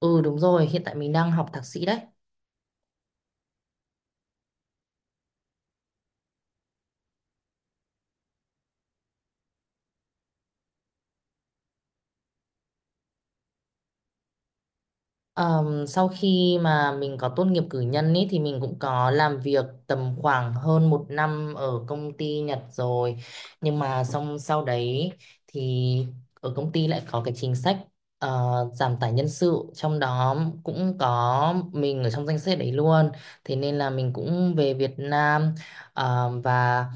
Ừ đúng rồi, hiện tại mình đang học thạc sĩ đấy. Sau khi mà mình có tốt nghiệp cử nhân ý, thì mình cũng có làm việc tầm khoảng hơn một năm ở công ty Nhật rồi. Nhưng mà xong sau đấy thì ở công ty lại có cái chính sách ờ, giảm tải nhân sự. Trong đó cũng có mình ở trong danh sách đấy luôn. Thế nên là mình cũng về Việt Nam và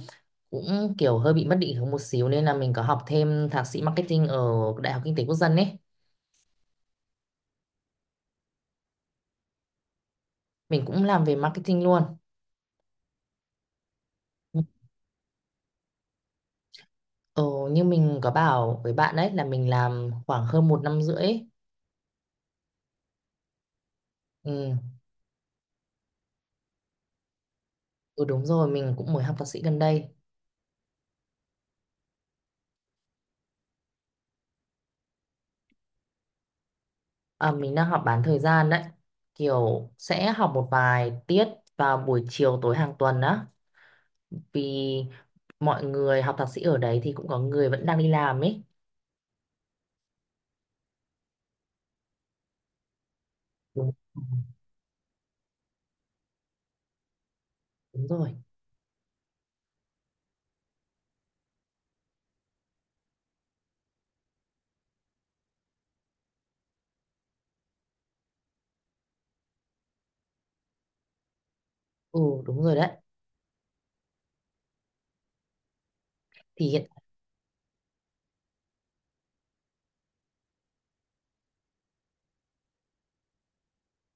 cũng kiểu hơi bị mất định hướng một xíu. Nên là mình có học thêm thạc sĩ marketing ở Đại học Kinh tế Quốc dân ý. Mình cũng làm về marketing luôn. Ờ, như mình có bảo với bạn đấy là mình làm khoảng hơn một năm rưỡi ấy. Ừ. Ừ, đúng rồi, mình cũng mới học thạc sĩ gần đây. À, mình đang học bán thời gian đấy. Kiểu sẽ học một vài tiết vào buổi chiều tối hàng tuần á. Vì mọi người học thạc sĩ ở đấy thì cũng có người vẫn đang đi làm ấy. Đúng, đúng rồi. Ừ, đúng rồi đấy. Thì hiện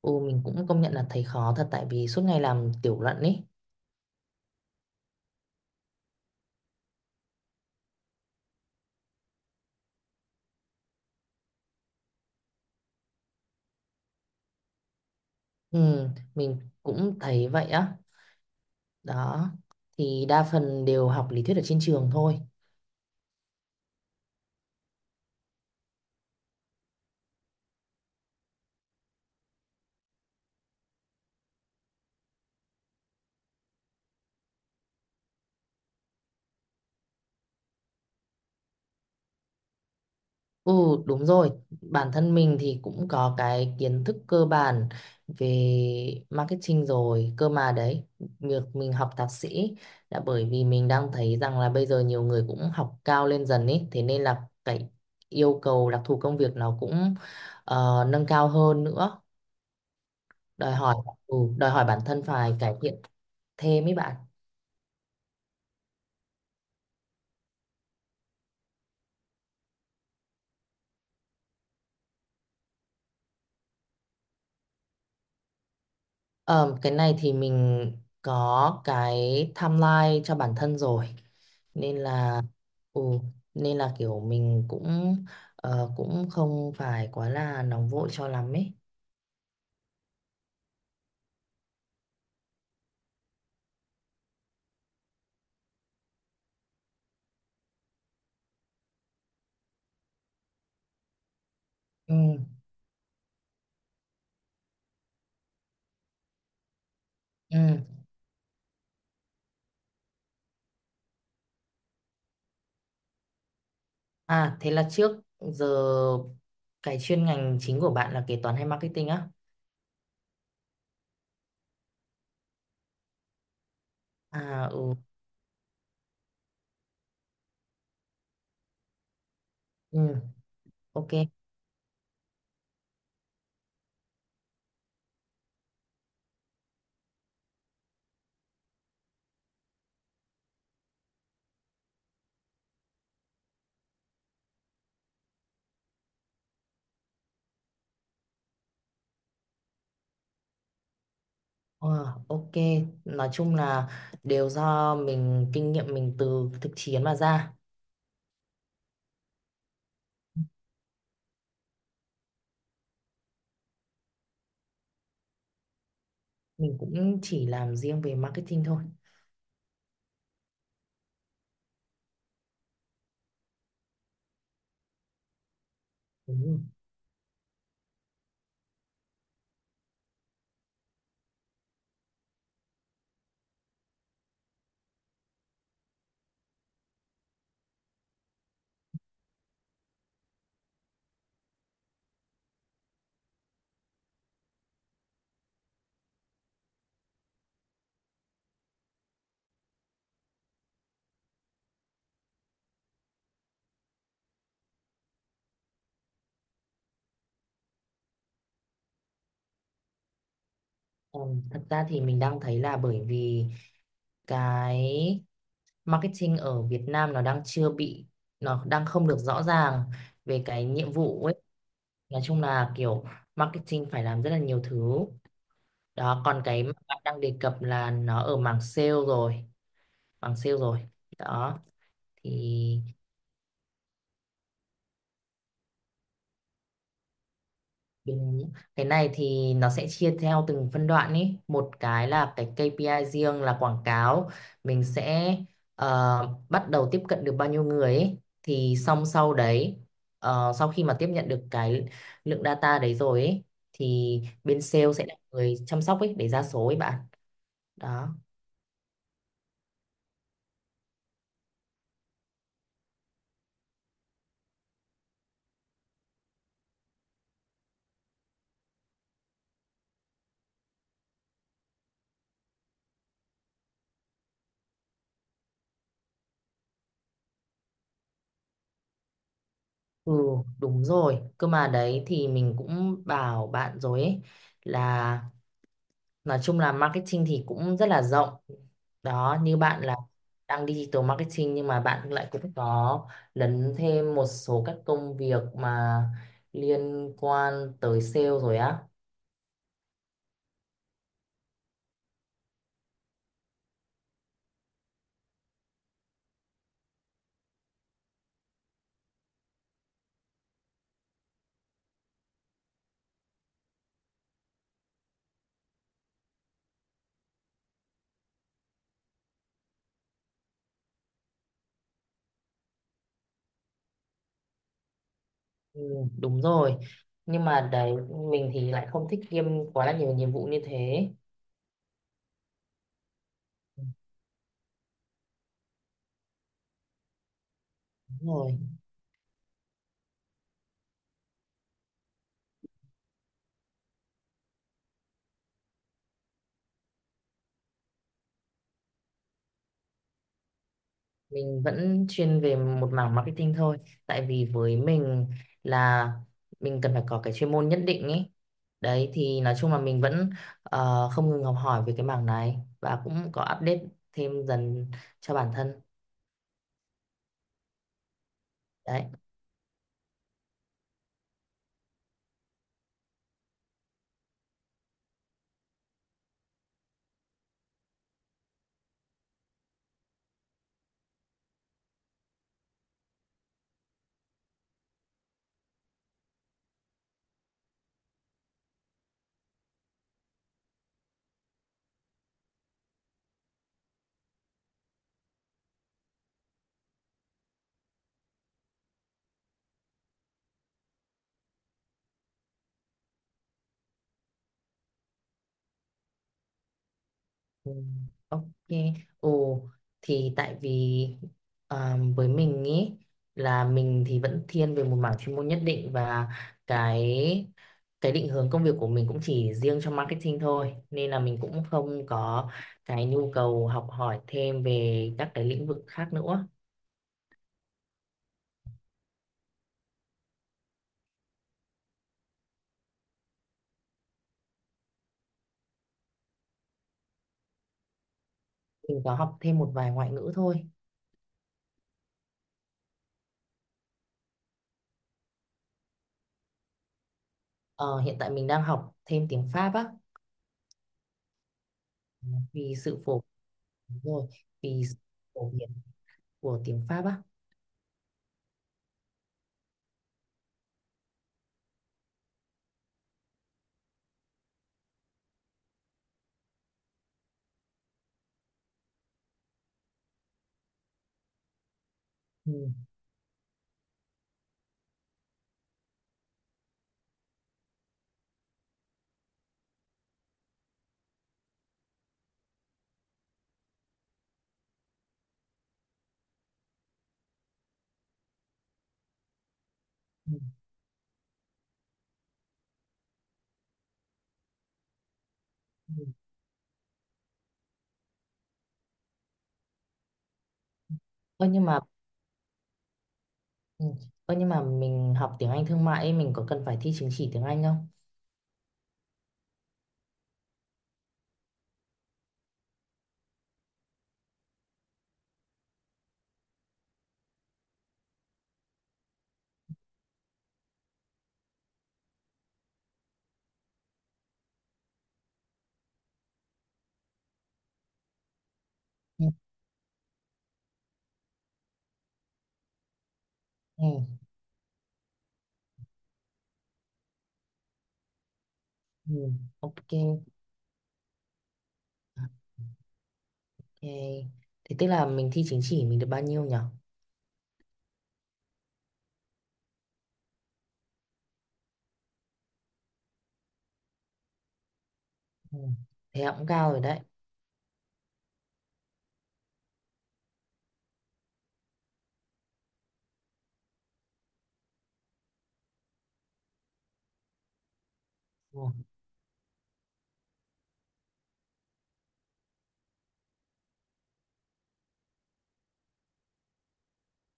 ừ, mình cũng công nhận là thấy khó thật tại vì suốt ngày làm tiểu luận ấy. Ừ, mình cũng thấy vậy á. Đó, thì đa phần đều học lý thuyết ở trên trường thôi. Ừ, đúng rồi. Bản thân mình thì cũng có cái kiến thức cơ bản về marketing rồi. Cơ mà đấy, việc mình học thạc sĩ là bởi vì mình đang thấy rằng là bây giờ nhiều người cũng học cao lên dần ý. Thế nên là cái yêu cầu đặc thù công việc nó cũng nâng cao hơn nữa. Đòi hỏi, ừ, đòi hỏi bản thân phải cải thiện thêm ý bạn. Ờ, cái này thì mình có cái timeline cho bản thân rồi nên là ừ, nên là kiểu mình cũng cũng không phải quá là nóng vội cho lắm ấy. Ừ, ừ. À thế là trước giờ cái chuyên ngành chính của bạn là kế toán hay marketing á? À ừ, ừ ok. Ờ, ok, nói chung là đều do mình kinh nghiệm mình từ thực chiến mà ra. Mình cũng chỉ làm riêng về marketing thôi. Đúng rồi. Thật ra thì mình đang thấy là bởi vì cái marketing ở Việt Nam nó đang chưa bị nó đang không được rõ ràng về cái nhiệm vụ ấy. Nói chung là kiểu marketing phải làm rất là nhiều thứ. Đó, còn cái mà bạn đang đề cập là nó ở mảng sale rồi. Đó thì đúng. Cái này thì nó sẽ chia theo từng phân đoạn ý. Một cái là cái KPI riêng là quảng cáo. Mình sẽ bắt đầu tiếp cận được bao nhiêu người ý. Thì xong sau đấy, sau khi mà tiếp nhận được cái lượng data đấy rồi ý, thì bên sale sẽ là người chăm sóc ấy để ra số ấy bạn. Đó. Ừ, đúng rồi. Cơ mà đấy thì mình cũng bảo bạn rồi ấy là nói chung là marketing thì cũng rất là rộng. Đó, như bạn là đang digital marketing nhưng mà bạn lại cũng có lấn thêm một số các công việc mà liên quan tới sale rồi á. Ừ, đúng rồi. Nhưng mà đấy mình thì lại không thích kiêm quá là nhiều nhiệm vụ như thế. Ừ, đúng rồi. Mình vẫn chuyên về một mảng marketing thôi tại vì với mình là mình cần phải có cái chuyên môn nhất định ấy đấy thì nói chung là mình vẫn không ngừng học hỏi về cái mảng này và cũng có update thêm dần cho bản thân đấy. Ừ, ok. Ồ thì tại vì à, với mình ý là mình thì vẫn thiên về một mảng chuyên môn nhất định và cái cái định hướng công việc của mình cũng chỉ riêng cho marketing thôi nên là mình cũng không có cái nhu cầu học hỏi thêm về các cái lĩnh vực khác nữa. Mình có học thêm một vài ngoại ngữ thôi. Ờ, hiện tại mình đang học thêm tiếng Pháp á vì sự phổ đúng rồi vì sự phổ biến của tiếng Pháp á. Ừ. Ừ. ừ. Ơ nhưng mà ừ. Ơ, nhưng mà mình học tiếng Anh thương mại ấy, mình có cần phải thi chứng chỉ tiếng Anh không? Ừ. ừ. Ừ. Ok, ok. Thế tức là mình thi chứng chỉ mình được bao nhiêu nhỉ? Ừ. Thế cũng cao rồi đấy. Ừ.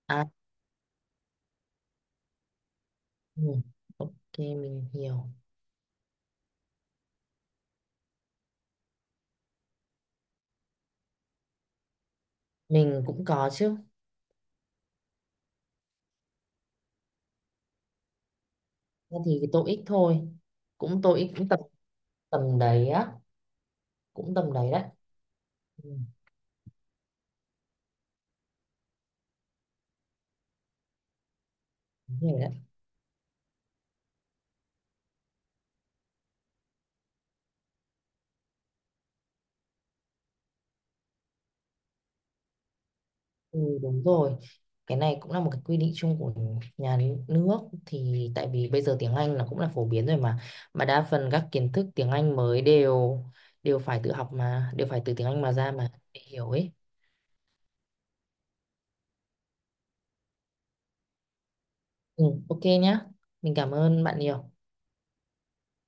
À, ừ. Ok, mình hiểu. Mình cũng có chứ. Thế thì cái TOEIC thôi. Cũng TOEIC cũng tầm tầm đấy á. Cũng tầm đấy đấy. Ừ. Đúng rồi đấy. Ừ, đúng rồi. Cái này cũng là một cái quy định chung của nhà nước thì tại vì bây giờ tiếng Anh là cũng là phổ biến rồi mà đa phần các kiến thức tiếng Anh mới đều đều phải tự học mà đều phải từ tiếng Anh mà ra mà để hiểu ấy. Ừ, ok nhá. Mình cảm ơn bạn nhiều.